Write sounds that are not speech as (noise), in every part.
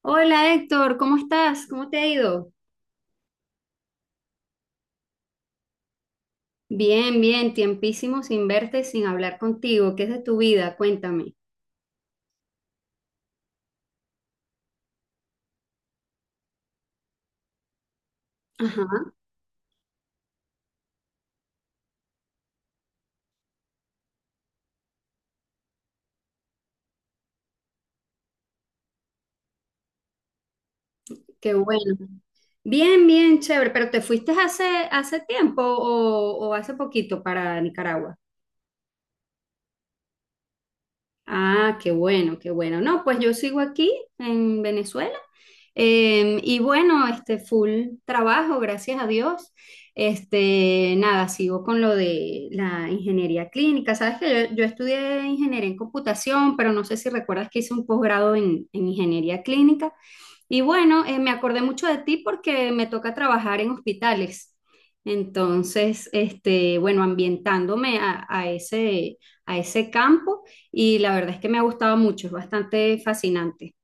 Hola Héctor, ¿cómo estás? ¿Cómo te ha ido? Bien, bien, tiempísimo sin verte, sin hablar contigo. ¿Qué es de tu vida? Cuéntame. Ajá, qué bueno. Bien, bien, chévere, pero ¿te fuiste hace tiempo o hace poquito para Nicaragua? Ah, qué bueno, qué bueno. No, pues yo sigo aquí en Venezuela, y bueno, este, full trabajo, gracias a Dios. Este, nada, sigo con lo de la ingeniería clínica. Sabes que yo estudié ingeniería en computación, pero no sé si recuerdas que hice un posgrado en ingeniería clínica y bueno, me acordé mucho de ti porque me toca trabajar en hospitales. Entonces, este, bueno, ambientándome a ese campo, y la verdad es que me ha gustado mucho, es bastante fascinante.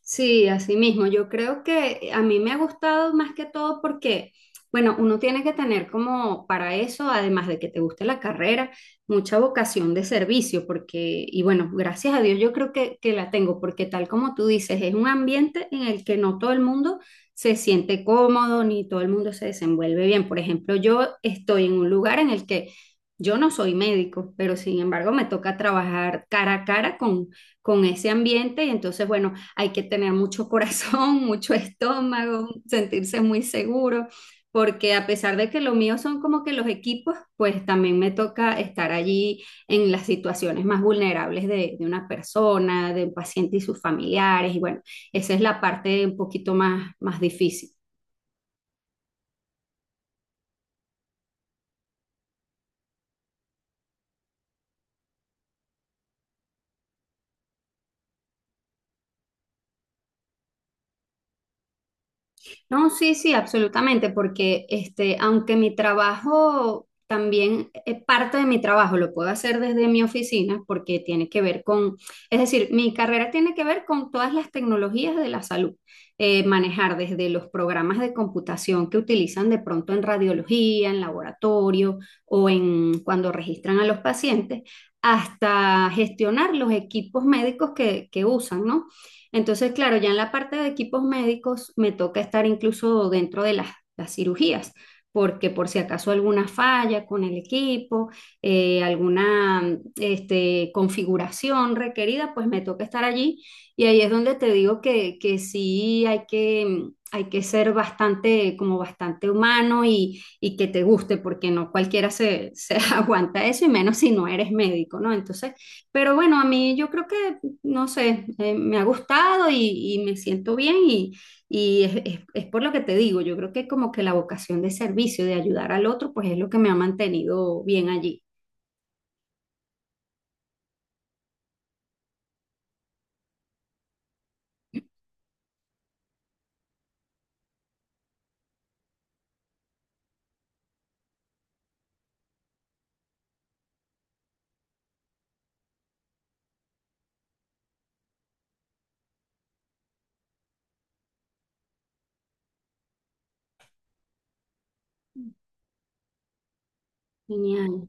Sí, así mismo. Yo creo que a mí me ha gustado más que todo porque, bueno, uno tiene que tener como para eso, además de que te guste la carrera, mucha vocación de servicio, porque, y bueno, gracias a Dios yo creo que la tengo, porque tal como tú dices, es un ambiente en el que no todo el mundo se siente cómodo ni todo el mundo se desenvuelve bien. Por ejemplo, yo estoy en un lugar en el que yo no soy médico, pero sin embargo me toca trabajar cara a cara con ese ambiente y entonces, bueno, hay que tener mucho (laughs) corazón, mucho estómago, sentirse muy seguro, porque a pesar de que lo mío son como que los equipos, pues también me toca estar allí en las situaciones más vulnerables de una persona, de un paciente y sus familiares, y bueno, esa es la parte un poquito más, más difícil. No, sí, sí, absolutamente, porque este, aunque mi trabajo también, parte de mi trabajo lo puedo hacer desde mi oficina porque tiene que ver con, es decir, mi carrera tiene que ver con todas las tecnologías de la salud. Manejar desde los programas de computación que utilizan de pronto en radiología, en laboratorio o en cuando registran a los pacientes, hasta gestionar los equipos médicos que usan, ¿no? Entonces, claro, ya en la parte de equipos médicos me toca estar incluso dentro de las cirugías, porque por si acaso alguna falla con el equipo, alguna este, configuración requerida, pues me toca estar allí. Y ahí es donde te digo que sí hay que ser bastante, como bastante humano y que te guste, porque no cualquiera se (laughs) aguanta eso, y menos si no eres médico, ¿no? Entonces, pero bueno, a mí yo creo que no sé, me ha gustado y me siento bien y es por lo que te digo, yo creo que como que la vocación de servicio, de ayudar al otro, pues es lo que me ha mantenido bien allí. Genial.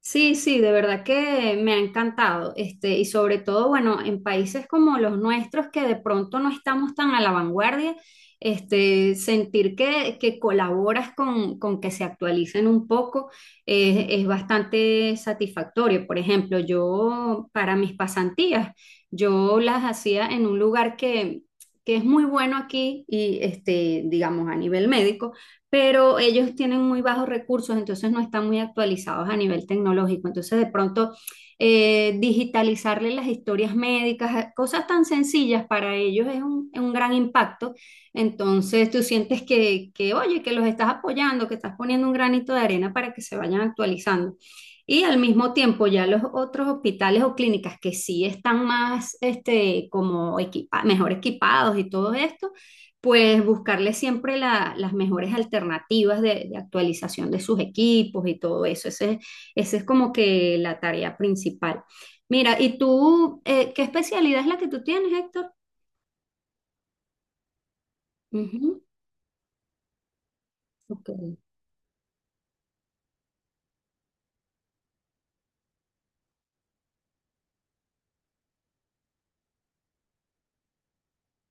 Sí, sí, de verdad que me ha encantado, este, y sobre todo, bueno, en países como los nuestros que de pronto no estamos tan a la vanguardia, este, sentir que colaboras con que se actualicen un poco, es bastante satisfactorio. Por ejemplo, yo para mis pasantías, yo las hacía en un lugar que es muy bueno aquí y, este, digamos, a nivel médico, pero ellos tienen muy bajos recursos, entonces no están muy actualizados a nivel tecnológico. Entonces, de pronto, digitalizarle las historias médicas, cosas tan sencillas para ellos es un gran impacto. Entonces, tú sientes que, oye, que los estás apoyando, que estás poniendo un granito de arena para que se vayan actualizando. Y al mismo tiempo ya los otros hospitales o clínicas que sí están más este, como equipa- mejor equipados y todo esto, pues buscarle siempre la- las mejores alternativas de actualización de sus equipos y todo eso. Ese es como que la tarea principal. Mira, ¿y tú qué especialidad es la que tú tienes, Héctor? Ujú, ok,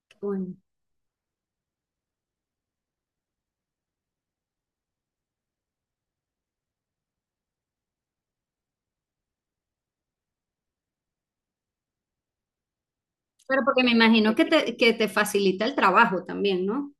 qué bueno. Pero porque me imagino que te facilita el trabajo también, ¿no?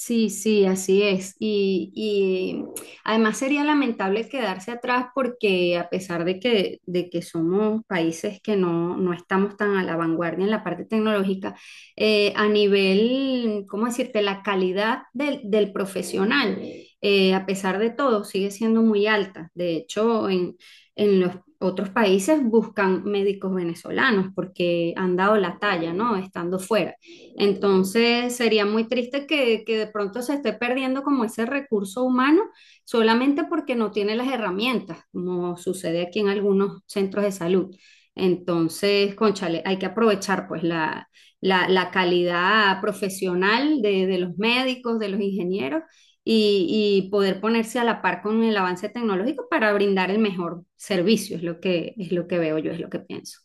Sí, sí, así es. Y además sería lamentable quedarse atrás porque a pesar de que somos países que no, no estamos tan a la vanguardia en la parte tecnológica, a nivel, ¿cómo decirte?, la calidad del, del profesional, a pesar de todo, sigue siendo muy alta. De hecho, en los otros países buscan médicos venezolanos porque han dado la talla, ¿no?, estando fuera. Entonces sería muy triste que de pronto se esté perdiendo como ese recurso humano solamente porque no tiene las herramientas, como sucede aquí en algunos centros de salud. Entonces, cónchale, hay que aprovechar pues la calidad profesional de los médicos, de los ingenieros y poder ponerse a la par con el avance tecnológico para brindar el mejor servicio, es lo que veo yo, es lo que pienso.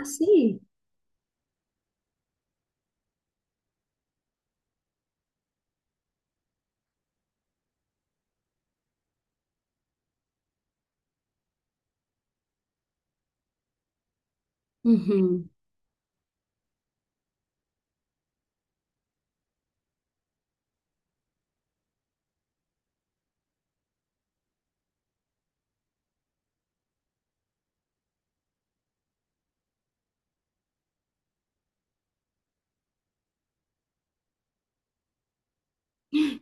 Así.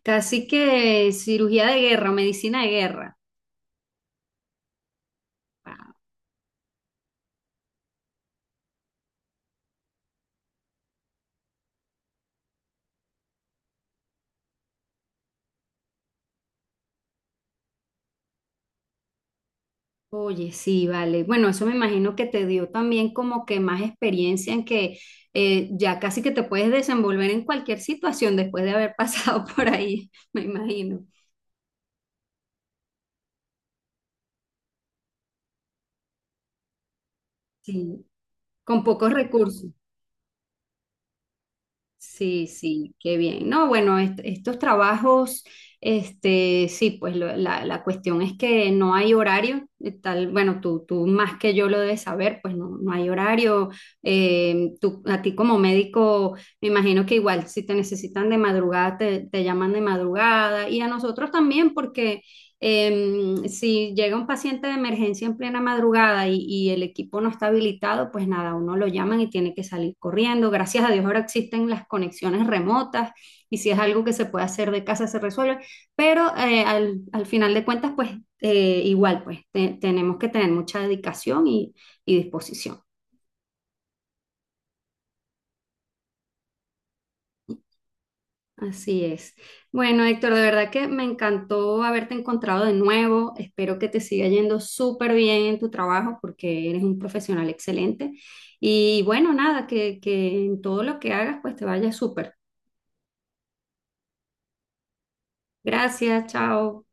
Casi que cirugía de guerra, medicina de guerra. Ah, oye, sí, vale. Bueno, eso me imagino que te dio también como que más experiencia en que ya casi que te puedes desenvolver en cualquier situación después de haber pasado (laughs) por ahí, me imagino. Sí, con pocos recursos. Sí, sí, qué bien. No, bueno, est- estos trabajos, este, sí, pues lo- la cuestión es que no hay horario, tal, bueno, tú más que yo lo debes saber, pues no, no hay horario. Tú, a ti como médico, me imagino que igual si te necesitan de madrugada, te llaman de madrugada, y a nosotros también, porque si llega un paciente de emergencia en plena madrugada y el equipo no está habilitado, pues nada, uno lo llaman y tiene que salir corriendo. Gracias a Dios ahora existen las conexiones remotas y si es algo que se puede hacer de casa se resuelve, pero al, al final de cuentas, pues igual, pues te- tenemos que tener mucha dedicación y disposición. Así es. Bueno, Héctor, de verdad que me encantó haberte encontrado de nuevo. Espero que te siga yendo súper bien en tu trabajo porque eres un profesional excelente. Y bueno, nada, que en todo lo que hagas pues te vaya súper. Gracias, chao.